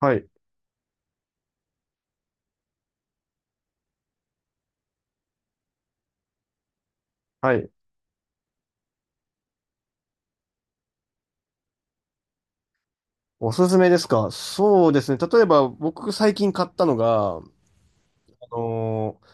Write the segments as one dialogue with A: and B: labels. A: はい。はい。おすすめですか？そうですね。例えば、僕最近買ったのが、のー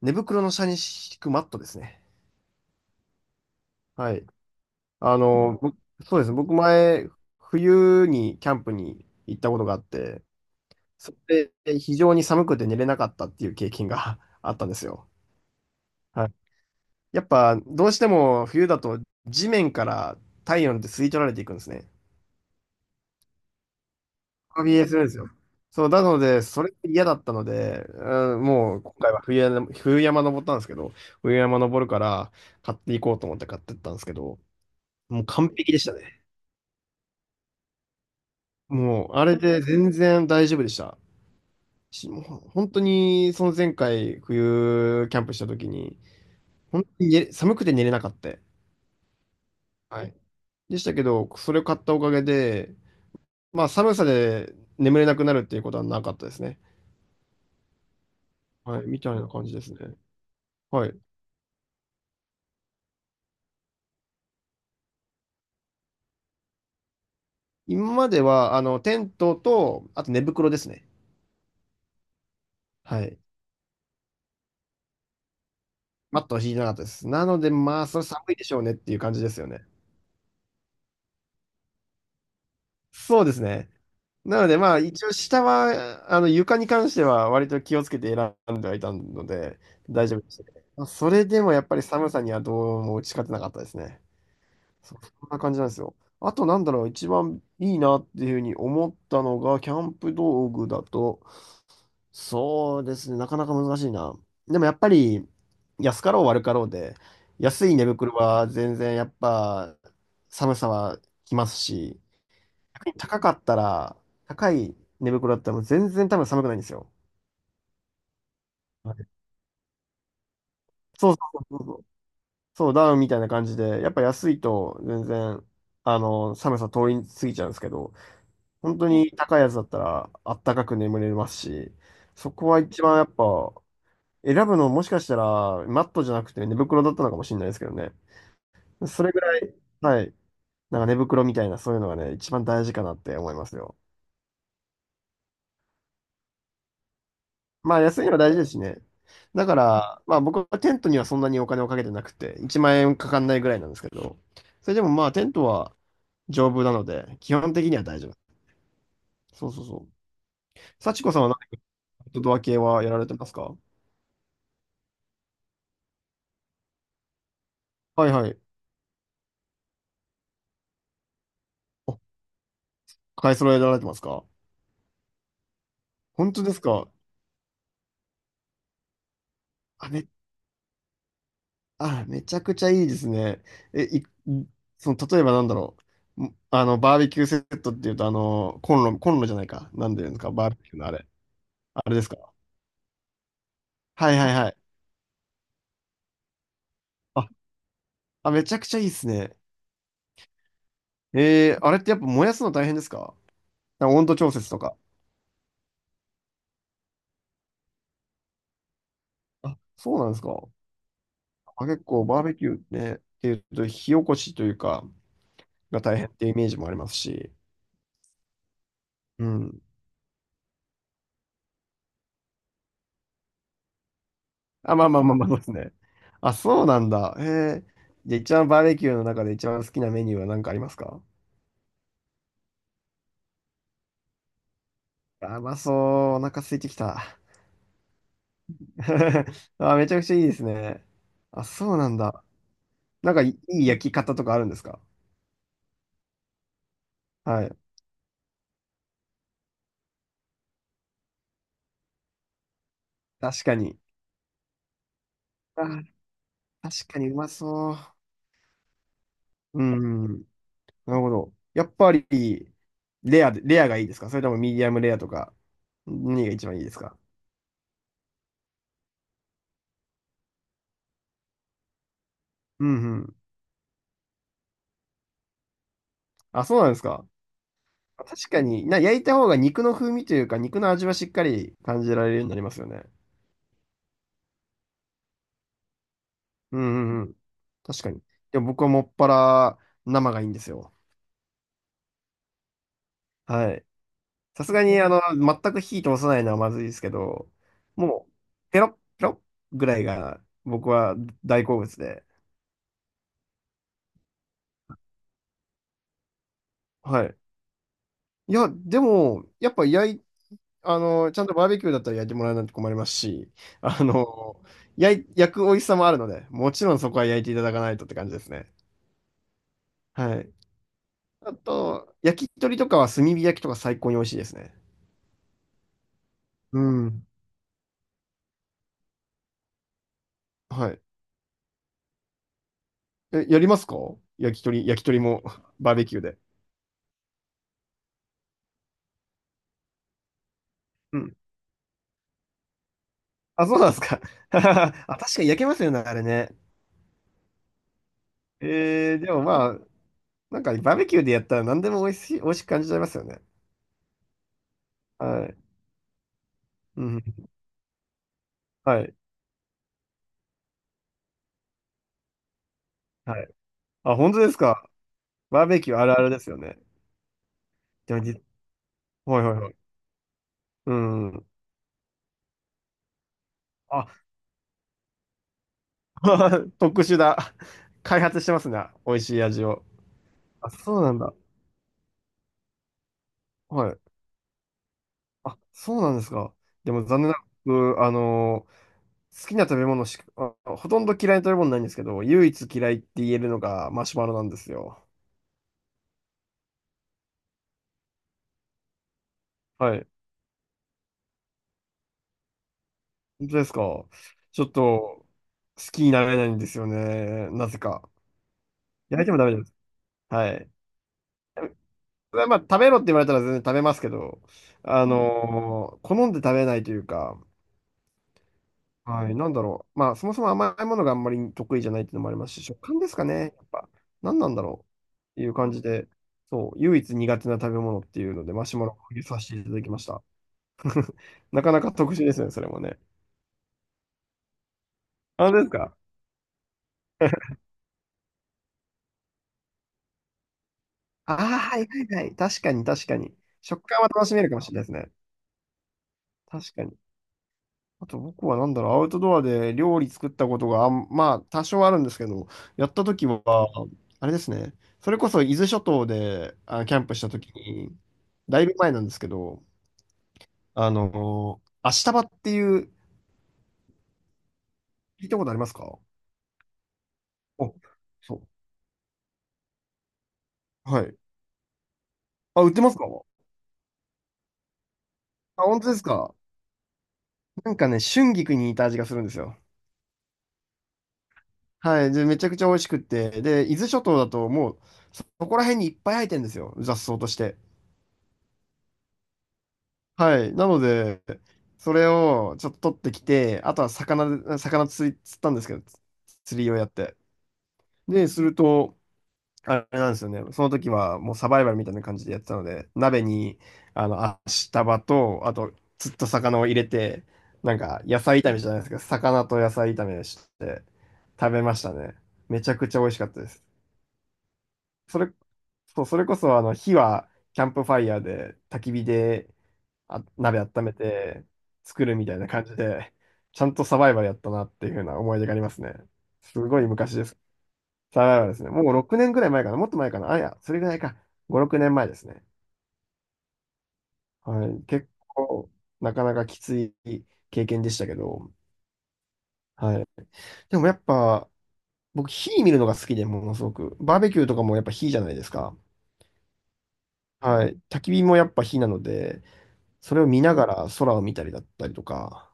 A: 寝袋の下に敷くマットですね。はい。あのー僕そうですね。僕前、冬にキャンプに行ったことがあって、それで非常に寒くて寝れなかったっていう経験が あったんですよ。はい。やっぱ、どうしても冬だと地面から体温って吸い取られていくんですね。BS ですよ。そう、なので、それが嫌だったので、うん、もう今回は冬山登ったんですけど、冬山登るから買っていこうと思って買ってったんですけど、もう完璧でしたね。もう、あれで全然大丈夫でした。もう本当に、その前回冬キャンプした時に、本当に寒くて寝れなかった。はい。でしたけど、それを買ったおかげで、まあ寒さで眠れなくなるっていうことはなかったですね。はい、みたいな感じですね。はい。今までは、テントと、あと寝袋ですね。はい。マットは敷いてなかったです。なので、まあ、それ寒いでしょうねっていう感じですよね。そうですね。なので、まあ、一応下は、床に関しては割と気をつけて選んではいたので、大丈夫でしたけど、まあ、それでもやっぱり寒さにはどうも打ち勝てなかったですね。そんな感じなんですよ。あと、なんだろう、一番いいなっていうふうに思ったのが、キャンプ道具だと、そうですね。なかなか難しいな。でもやっぱり、安かろう悪かろうで、安い寝袋は全然やっぱ寒さはきますし、逆に高かったら、高い寝袋だったらもう全然多分寒くないんですよ。はい、そうそうそうそう。そうダウンみたいな感じで、やっぱ安いと全然、寒さ通り過ぎちゃうんですけど、本当に高いやつだったらあったかく眠れますし、そこは一番やっぱ選ぶのもしかしたら、マットじゃなくて寝袋だったのかもしれないですけどね。それぐらい、はい。なんか寝袋みたいな、そういうのがね、一番大事かなって思いますよ。まあ、安いのは大事ですしね。だから、まあ僕はテントにはそんなにお金をかけてなくて、1万円かかんないぐらいなんですけど、それでもまあテントは丈夫なので、基本的には大丈夫。そうそうそう。幸子さんは何かアウトドア系はやられてますか？はいはい。お、買い揃えられてますか？本当ですか？あ、めっあ、めちゃくちゃいいですね。え、い、その、例えばなんだろう。バーベキューセットっていうと、コンロ、コンロじゃないか。なんで言うんですか、バーベキューのあれ。あれですか。はいはいはい。あ、あ、めちゃくちゃいいですね。あれってやっぱ燃やすの大変ですか？なんか温度調節とか。あ、そうなんですか。あ、結構バーベキューね、っていうと、火起こしというか、が大変ってイメージもありますし。うん。あ、まあまあまあまあ、そうですね。あ、そうなんだ。へえ。じゃあ一番バーベキューの中で一番好きなメニューは何かありますか？あ、うまそう。お腹空いてきた。あ、めちゃくちゃいいですね。あ、そうなんだ。なんかいい焼き方とかあるんですか？はい。確かに。あ、確かにうまそう。うん。なるほど。やっぱり、レアがいいですか？それともミディアムレアとか、何が一番いいですか？うんうん。あ、そうなんですか？確かに、焼いた方が肉の風味というか、肉の味はしっかり感じられるようになりますよね。うんうんうん。確かに。でも僕はもっぱら生がいいんですよ。はい。さすがに、全く火通さないのはまずいですけど、もう、ペロッペロッぐらいが僕は大好物で。はい。いや、でも、やっぱ焼い、あの、ちゃんとバーベキューだったら焼いてもらわないと困りますし、あの、焼く美味しさもあるので、もちろんそこは焼いていただかないとって感じですね。はい。あと、焼き鳥とかは炭火焼きとか最高に美味しいですね。うん。はい。え、やりますか？焼き鳥も バーベキューで。うん。あ、そうなんですか。あ、確かに焼けますよね、あれね。でもまあ、なんかバーベキューでやったら何でも美味しく感じちゃいますよね。はい。うん。はい。はい。あ、本当ですか。バーベキューあるあるですよね。でもじ、はいはいはい。うん。あ、特殊だ。開発してますね。美味しい味を。あ、そうなんだ。はい。あ、そうなんですか。でも残念なく、僕好きな食べ物しか、ほとんど嫌いな食べ物ないんですけど、唯一嫌いって言えるのがマシュマロなんですよ。はい。本当ですか。ちょっと、好きになれないんですよね。なぜか。焼いてもダメです。はい。まあ、食べろって言われたら全然食べますけど、好んで食べないというか、はい、なんだろう。まあ、そもそも甘いものがあんまり得意じゃないっていうのもありますし、食感ですかね。やっぱ、何なんだろうっていう感じで、そう、唯一苦手な食べ物っていうので、マシュマロを入れさせていただきました。なかなか特殊ですね、それもね。あ、本当ですか？ああー、はいはいはい。確かに確かに。食感は楽しめるかもしれないですね。確かに。あと僕はなんだろう、アウトドアで料理作ったことがまあ多少あるんですけど、やった時は、あれですね、それこそ伊豆諸島でキャンプした時に、だいぶ前なんですけど、あのタバっていう、聞いたことありますか？お、そう。はい。あ、売ってますか？あ、本当ですか？なんかね、春菊に似た味がするんですよ。はい。で、めちゃくちゃ美味しくって、で、伊豆諸島だともう、そこら辺にいっぱい生えてるんですよ、雑草として。はい。なので、それをちょっと取ってきて、あとは魚釣り、釣ったんですけど、釣りをやって。で、すると、あれなんですよね。その時はもうサバイバルみたいな感じでやってたので、鍋に、足束と、あと、釣った魚を入れて、なんか、野菜炒めじゃないですか。魚と野菜炒めして、食べましたね。めちゃくちゃ美味しかったです。それ、そう、それこそ、火は、キャンプファイヤーで、焚き火で、あ、鍋温めて作るみたいな感じで、ちゃんとサバイバルやったなっていうふうな思い出がありますね。すごい昔です。サバイバルですね。もう6年ぐらい前かな。もっと前かな。あ、いや、それぐらいか。5、6年前ですね。はい。結構、なかなかきつい経験でしたけど、はい。でもやっぱ、僕、火見るのが好きで、ものすごく。バーベキューとかもやっぱ火じゃないですか。はい。焚き火もやっぱ火なので、それを見ながら空を見たりだったりとか、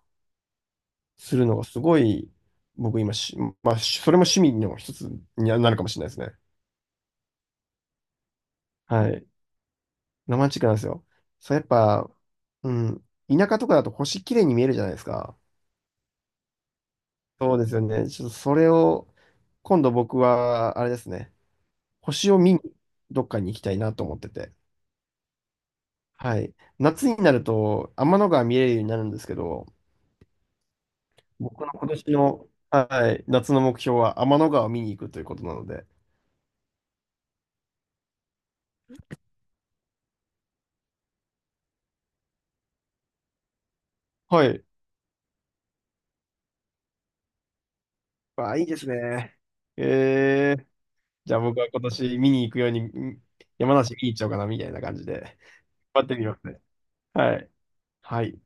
A: するのがすごい、僕今し、まあ、それも趣味の一つになるかもしれないですね。はい。ロマンチックなんですよ。そう、やっぱ、うん、田舎とかだと星綺麗に見えるじゃないですか。そうですよね。ちょっとそれを、今度僕は、あれですね、星を見に、どっかに行きたいなと思ってて。はい。夏になると、天の川見れるようになるんですけど、僕の今年の、はい、夏の目標は天の川を見に行くということなので。はい。あ、いいですね。えじゃあ僕は今年見に行くように、山梨見に行っちゃおうかな、みたいな感じで。待ってみますね。はい。はい。